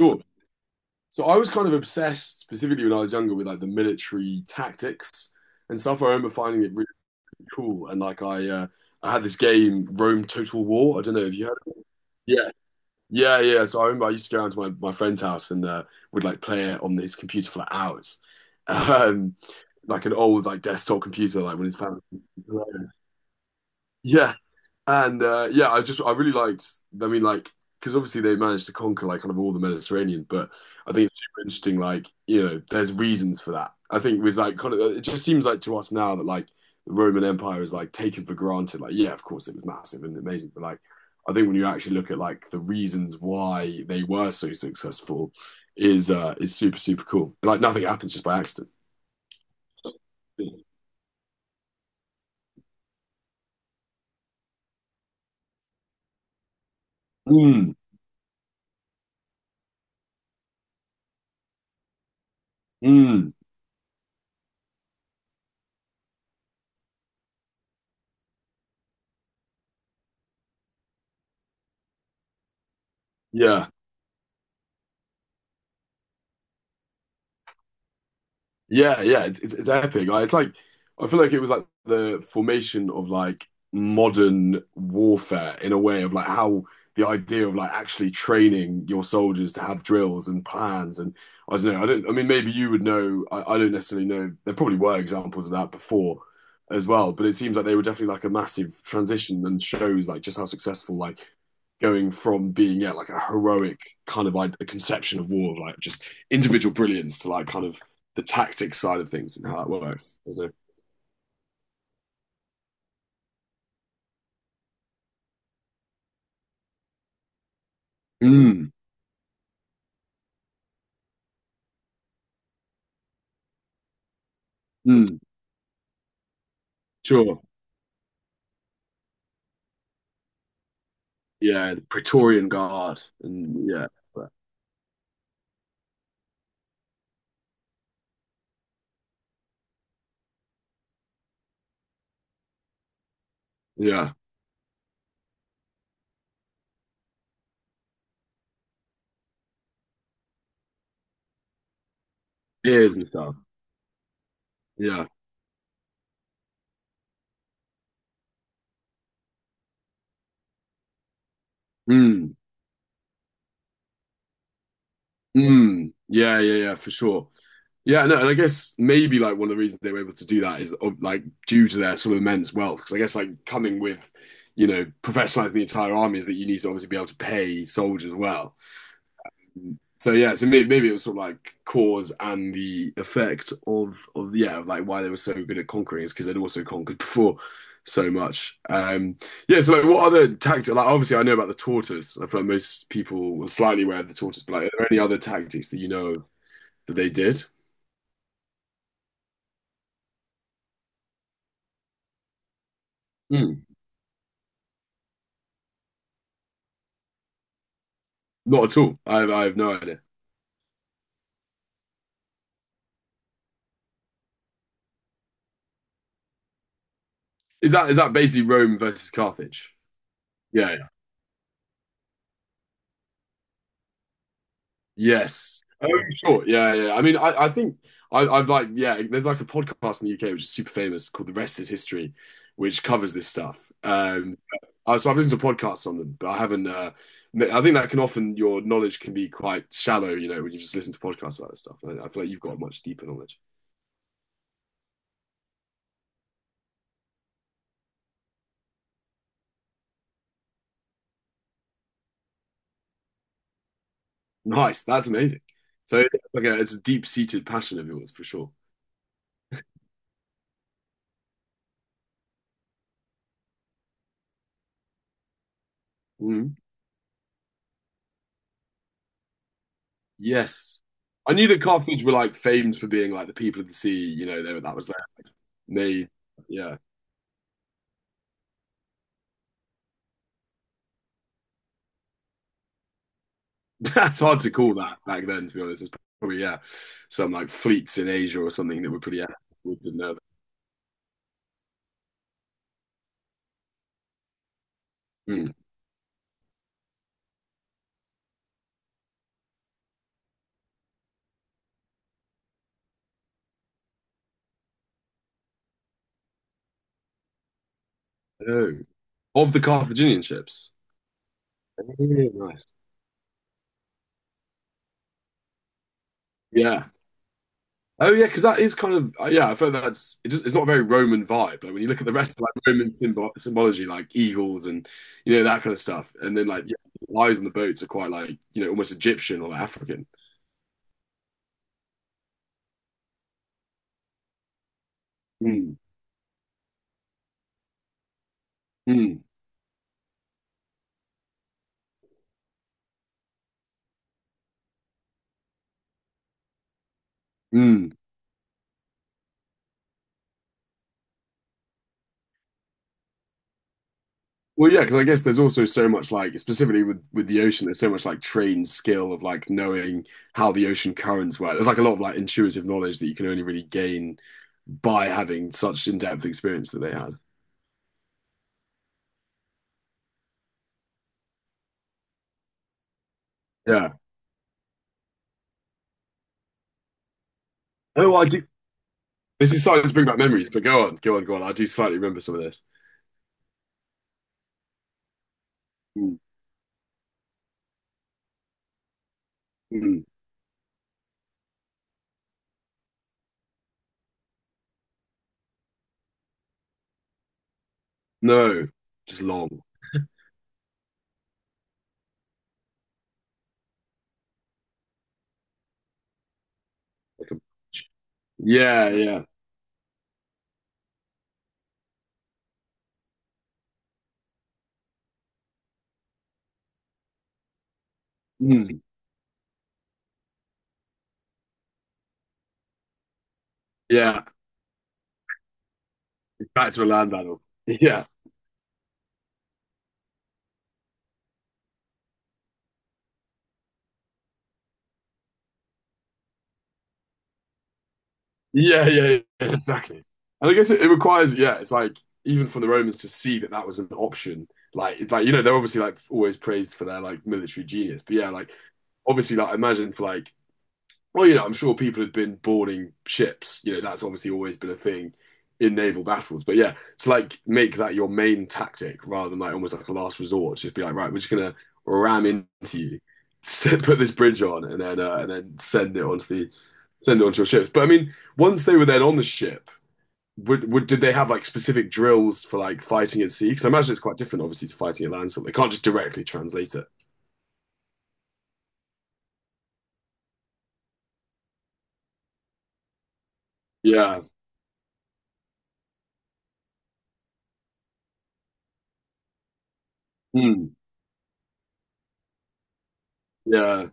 Sure. So I was kind of obsessed, specifically when I was younger, with like the military tactics and stuff. I remember finding it really cool, and like I had this game, Rome Total War. I don't know if you heard of it. Yeah, yeah, yeah. So I remember I used to go around to my friend's house and would like play it on his computer for like hours, um, like an old like desktop computer, like when his family. Yeah. And yeah, I really liked. I mean, like, because obviously they managed to conquer like kind of all the Mediterranean, but I think it's super interesting. Like, you know, there's reasons for that. I think it was like kind of. It just seems like to us now that like the Roman Empire is like taken for granted. Like, yeah, of course it was massive and amazing, but like, I think when you actually look at like the reasons why they were so successful, is super super cool. Like, nothing happens just by accident. Mm, mm, yeah. Yeah, yeah, it's epic. Like, it's like I feel like it was like the formation of like modern warfare in a way of like how the idea of like actually training your soldiers to have drills and plans and I don't know, I don't, I mean maybe you would know. I don't necessarily know there probably were examples of that before as well, but it seems like they were definitely like a massive transition and shows like just how successful like going from being yeah like a heroic kind of like a conception of war like just individual brilliance to like kind of the tactics side of things and how that works. Isn't it? Mm, mm, sure. Yeah, the Praetorian Guard and yeah, yeah, ears and stuff. Yeah. Mm, mm. Yeah, yeah, yeah, for sure. Yeah, no, and I guess maybe like one of the reasons they were able to do that is like due to their sort of immense wealth. Because I guess like coming with, professionalizing the entire army is that you need to obviously be able to pay soldiers well. So yeah, so maybe it was sort of like cause and the effect of yeah, of, like why they were so good at conquering is because they'd also conquered before so much. Yeah, so like what other tactics? Like obviously, I know about the tortoise. I feel like most people were slightly aware of the tortoise, but like, are there any other tactics that you know of that they did? Hmm, not at all. I have no idea. Is that basically Rome versus Carthage? Yeah, yeah. Yes. Oh, sure. Yeah, yeah, yeah. I mean, I think I've like, yeah, there's like a podcast in the UK which is super famous called The Rest is History, which covers this stuff. So I've listened to podcasts on them, but I haven't. I think that can often your knowledge can be quite shallow, when you just listen to podcasts about this stuff. I feel like you've got a much deeper knowledge. Nice, that's amazing. So, okay, it's a deep-seated passion of yours for sure. Mhm. Yes, I knew that Carthage were like famed for being like the people of the sea. You know, they, that was their name. Yeah. That's hard to call that back then, to be honest. It's probably, yeah, some like fleets in Asia or something that were pretty active with the nerve. Hmm. Oh, of the Carthaginian ships. Oh, nice. Yeah. Oh yeah, because that is kind of yeah. I feel that's it just, it's not a very Roman vibe. Like when you look at the rest of like Roman symbology, like eagles and that kind of stuff, and then like yeah, the eyes on the boats are quite like almost Egyptian or like, African. Mm, mm, mm. Well, yeah, because I guess there's also so much like specifically with the ocean, there's so much like trained skill of like knowing how the ocean currents work. There's like a lot of like intuitive knowledge that you can only really gain by having such in-depth experience that they had. Yeah. Oh, I do. This is starting to bring back memories, but go on, go on, go on. I do slightly remember some of this. Mm, mm. No, just long. Like a, yeah, yeah. Mm, yeah. Back to a land battle. Yeah. Yeah, yeah, yeah, exactly. And I guess it requires, yeah, it's like even from the Romans to see that that was an option. Like, it's like you know, they're obviously like always praised for their like military genius, but yeah, like obviously, like I imagine for like well, you know, I'm sure people had been boarding ships. You know, that's obviously always been a thing in naval battles. But yeah, to like make that your main tactic rather than like almost like a last resort. Just be like, right, we're just gonna ram into you, put this bridge on, and then send it onto your ships. But I mean, once they were then on the ship, would did they have like specific drills for like fighting at sea? Because I imagine it's quite different, obviously, to fighting at land. So they can't just directly translate it. Yeah. Hmm. Yeah.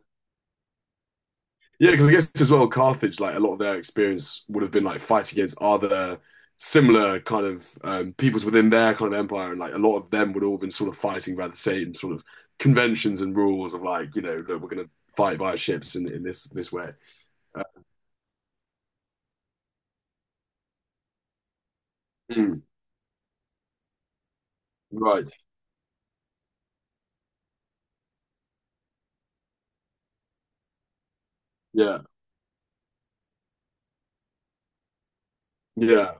Yeah, because I guess as well, Carthage, like a lot of their experience would have been like fighting against other similar kind of peoples within their kind of empire, and like a lot of them would all been sort of fighting by the same sort of conventions and rules of like, you know, that we're going to fight via ships in this way. Uh, mm, right. Yeah. Yeah.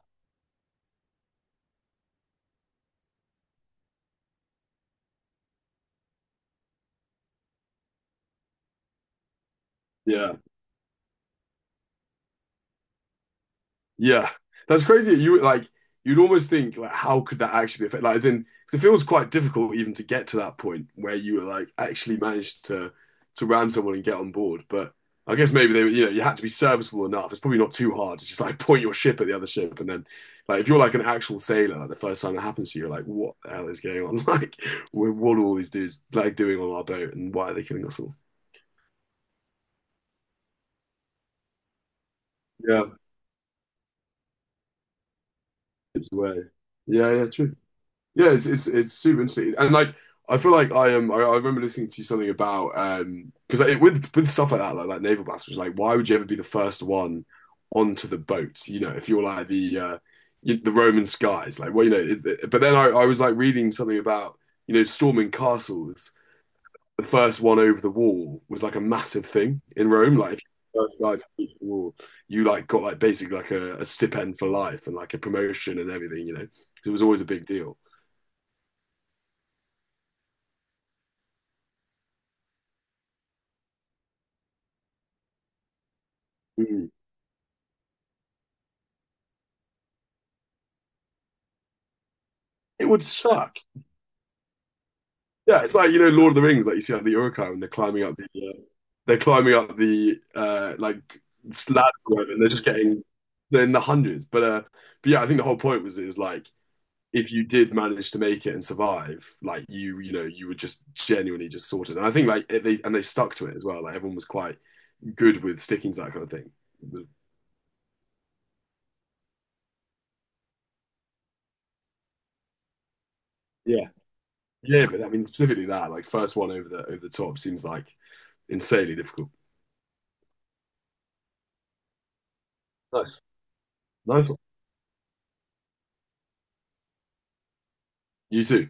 Yeah. Yeah, that's crazy. You'd almost think like how could that actually be affected? Like, as in, because it feels quite difficult even to get to that point where you were like actually managed to ram someone and get on board. But I guess maybe you know you had to be serviceable enough. It's probably not too hard to just like point your ship at the other ship and then like if you're like an actual sailor, like, the first time that happens to you, you're like, what the hell is going on? Like, what are all these dudes like doing on our boat and why are they killing us all? Yeah, it's way. Yeah, yeah, true. Yeah, it's super interesting, and like I feel like I am. I remember listening to something about because like, with stuff like that, like naval battles, like why would you ever be the first one onto the boat? You know, if you're like the Roman skies, like well, you know. But then I was like reading something about storming castles. The first one over the wall was like a massive thing in Rome. Like if you were the first guy to reach the wall, you like got like basically like a stipend for life and like a promotion and everything. You know, it was always a big deal. Mm. It would suck. Yeah, it's like you know Lord of the Rings, like you see like the Uruk-hai when they're climbing up the they're climbing up the like slab or whatever, and they're just getting they're in the hundreds. But yeah, I think the whole point was is like if you did manage to make it and survive, like you know you were just genuinely just sorted. And I think like they stuck to it as well. Like everyone was quite good with sticking to that kind of thing. Yeah. Yeah, but I mean specifically that like first one over the top seems like insanely difficult. Nice. Nice one. You too.